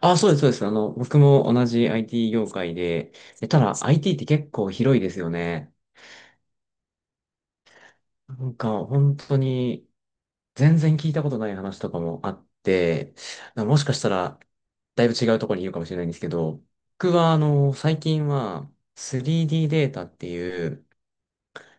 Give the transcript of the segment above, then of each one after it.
あ、そうです、そうです。僕も同じ IT 業界で、ただ IT って結構広いですよね。なんか本当に全然聞いたことない話とかもあって、もしかしたらだいぶ違うところにいるかもしれないんですけど、僕は最近は 3D データっていう、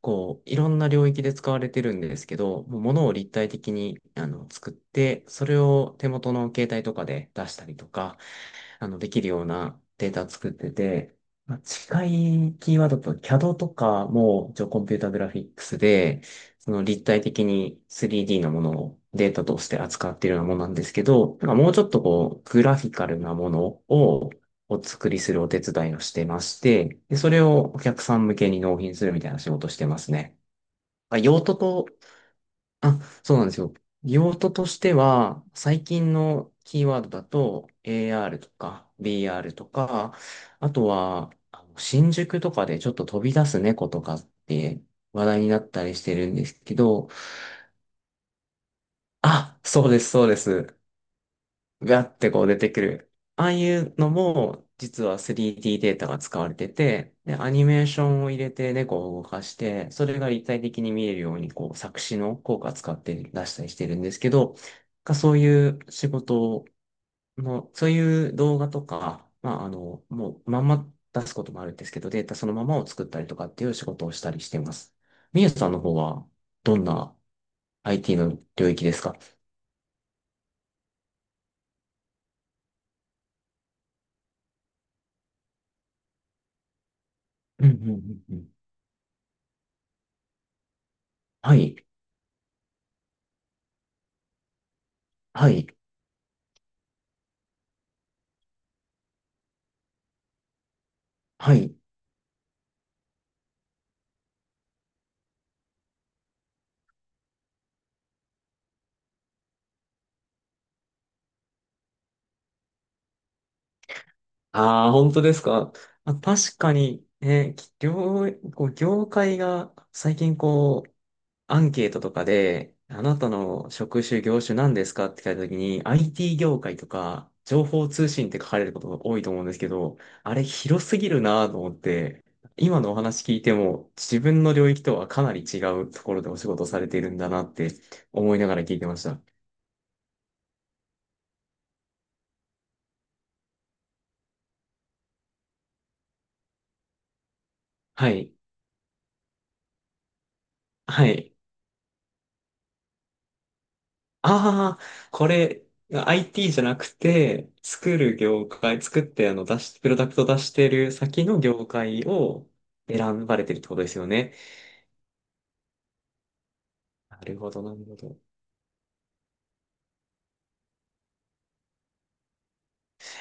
こう、いろんな領域で使われてるんですけど、もう物を立体的に作って、それを手元の携帯とかで出したりとか、できるようなデータ作ってて、まあ、近いキーワードと CAD とかも、一応コンピュータグラフィックスで、その立体的に 3D のものをデータとして扱っているようなものなんですけど、なんかもうちょっとこう、グラフィカルなものをお作りするお手伝いをしてまして、で、それをお客さん向けに納品するみたいな仕事をしてますね。まあ用途とあ、そうなんですよ。用途としては、最近のキーワードだと、AR とか b r とか、あとは、新宿とかでちょっと飛び出す猫とかって話題になったりしてるんですけど、あ、そうです、そうです。ガッてこう出てくる。ああいうのも、実は 3D データが使われてて、で、アニメーションを入れて猫を動かして、それが立体的に見えるように、こう、作詞の効果使って出したりしてるんですけど、がそういう仕事の、そういう動画とか、まあ、もう、まんま出すこともあるんですけど、データそのままを作ったりとかっていう仕事をしたりしてます。みゆさんの方は、どんな IT の領域ですか？うんうんうんうん。はい、はい。はい。ああ、本当ですか？あ、確かに、ね、こう業界が最近こう、アンケートとかで、あなたの職種、業種何ですかって聞いたときに、IT 業界とか、情報通信って書かれることが多いと思うんですけど、あれ広すぎるなと思って、今のお話聞いても、自分の領域とはかなり違うところでお仕事されているんだなって思いながら聞いてました。はい。はい。ああ、これ、IT じゃなくて、作る業界、作ってあの出し、プロダクト出してる先の業界を選ばれてるってことですよね？なるほど、なるほど。い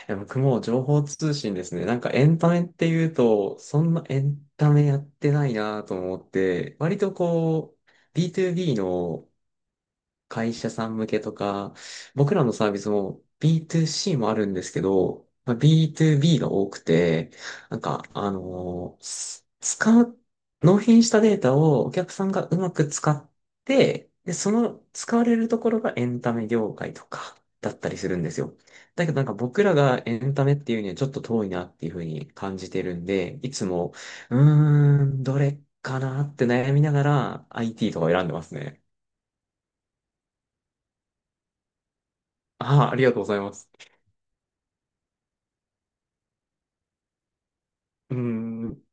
や僕も情報通信ですね。なんかエンタメっていうと、そんなエンタメやってないなと思って、割とこう、B2B の会社さん向けとか、僕らのサービスも B2C もあるんですけど、まあ、B2B が多くて、なんか、あのーす使う、納品したデータをお客さんがうまく使って、で、その使われるところがエンタメ業界とかだったりするんですよ。だけどなんか僕らがエンタメっていうにはちょっと遠いなっていうふうに感じてるんで、いつも、うどれかなって悩みながら IT とかを選んでますね。ああ、ありがとうございます。うん。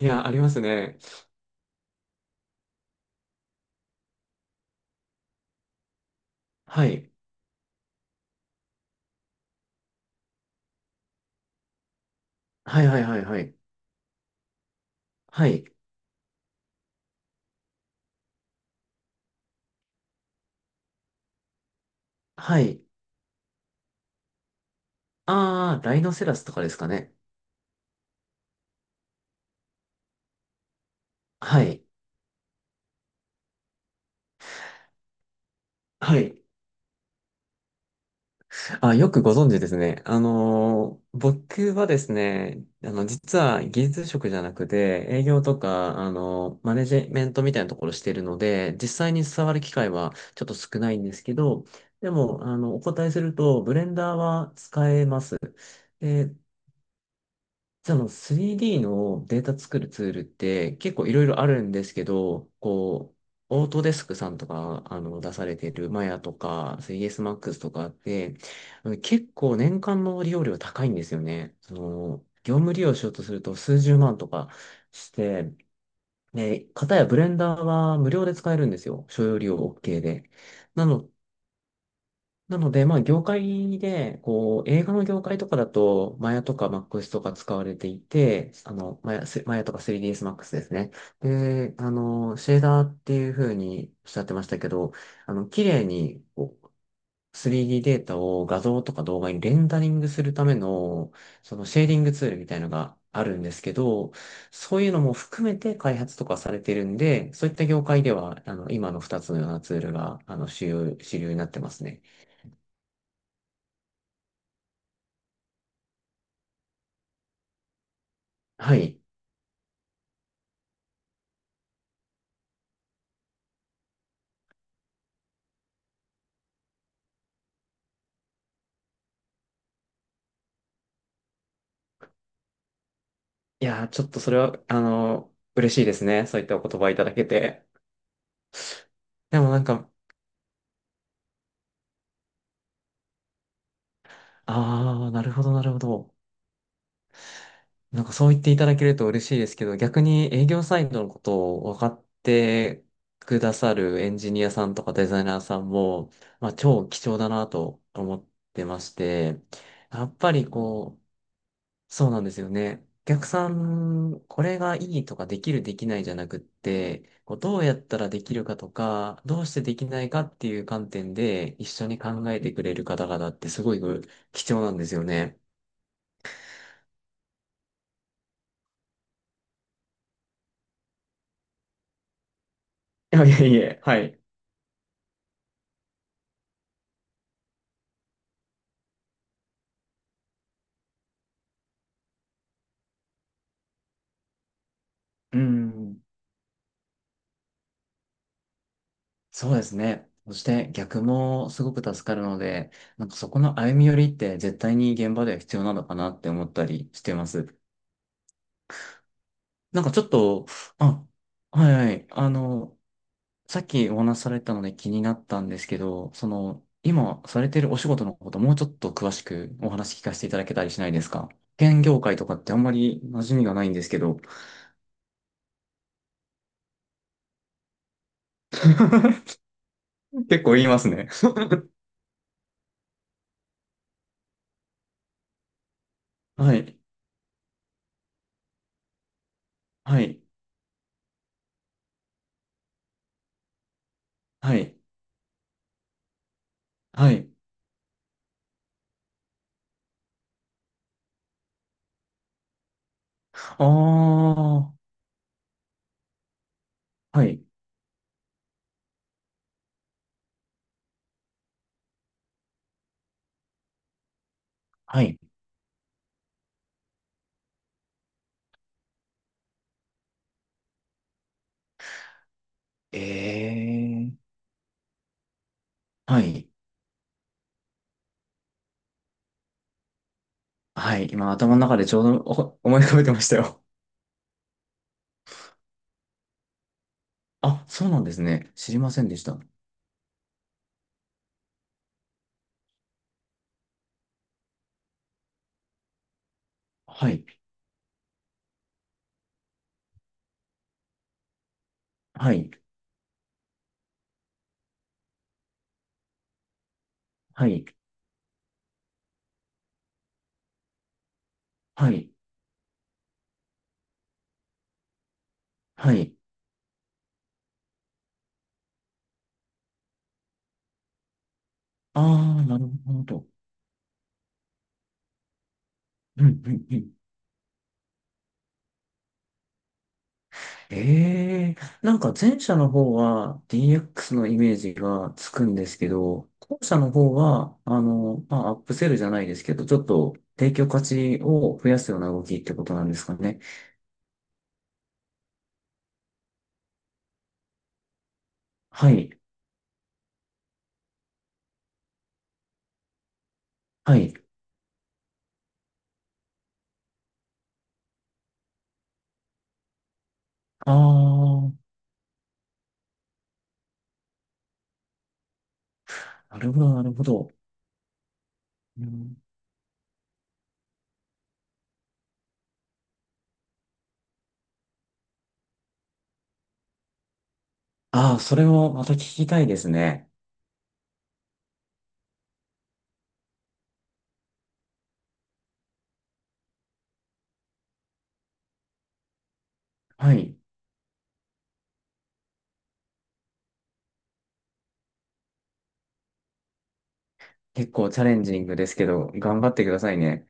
いや、ありますね。はい。はいはいはいはい。はい。はい。ああ、ライノセラスとかですかね？はい。はい。あ、よくご存知ですね。僕はですね、実は技術職じゃなくて、営業とか、マネジメントみたいなところしているので、実際に触る機会はちょっと少ないんですけど、でも、お答えすると、ブレンダーは使えます。で実は3D のデータ作るツールって結構いろいろあるんですけど、こう、オートデスクさんとか、出されているマヤとか、3SMAX とかって、結構年間の利用料高いんですよね。その、業務利用しようとすると数十万とかして、で、かたやブレンダーは無料で使えるんですよ。所要利用 OK で。なのなので、まあ、業界で、こう、映画の業界とかだと、マヤとかマックスとか使われていて、マヤとか 3ds マックスですね。で、シェーダーっていう風におっしゃってましたけど、綺麗にこう 3D データを画像とか動画にレンダリングするための、そのシェーディングツールみたいのがあるんですけど、そういうのも含めて開発とかされてるんで、そういった業界では、今の2つのようなツールが、主流になってますね。はい。いやー、ちょっとそれは、嬉しいですね。そういったお言葉いただけて。でもなんか、ああ、なるほど、なるほど。なんかそう言っていただけると嬉しいですけど、逆に営業サイドのことを分かってくださるエンジニアさんとかデザイナーさんも、まあ、超貴重だなと思ってまして、やっぱりこう、そうなんですよね。お客さん、これがいいとかできるできないじゃなくって、こうどうやったらできるかとか、どうしてできないかっていう観点で一緒に考えてくれる方々ってすごい貴重なんですよね。いやいやいや、はい。うん、そうですね。そして逆もすごく助かるので、なんかそこの歩み寄りって絶対に現場では必要なのかなって思ったりしてます。なんかちょっと、あ、はいはい、さっきお話しされたので気になったんですけど、その、今されてるお仕事のこと、もうちょっと詳しくお話聞かせていただけたりしないですか？保険業界とかってあんまり馴染みがないんですけど、結構言いますね。はい、はい、はい、はい。ああ、はい、はい。ええ、はい、はい。今頭の中でちょうどお思い浮かべてましたよ。あ、そうなんですね。知りませんでした。はい、はい、はい、はい、はい。ああ、なるほど。うん、うん、うん。ええ、なんか前者の方は DX のイメージがつくんですけど、後者の方は、まあ、アップセルじゃないですけど、ちょっと提供価値を増やすような動きってことなんですかね？はい、はい。ああ、なるほど、なるほど。うん、ああ、それをまた聞きたいですね。はい。結構チャレンジングですけど、頑張ってくださいね。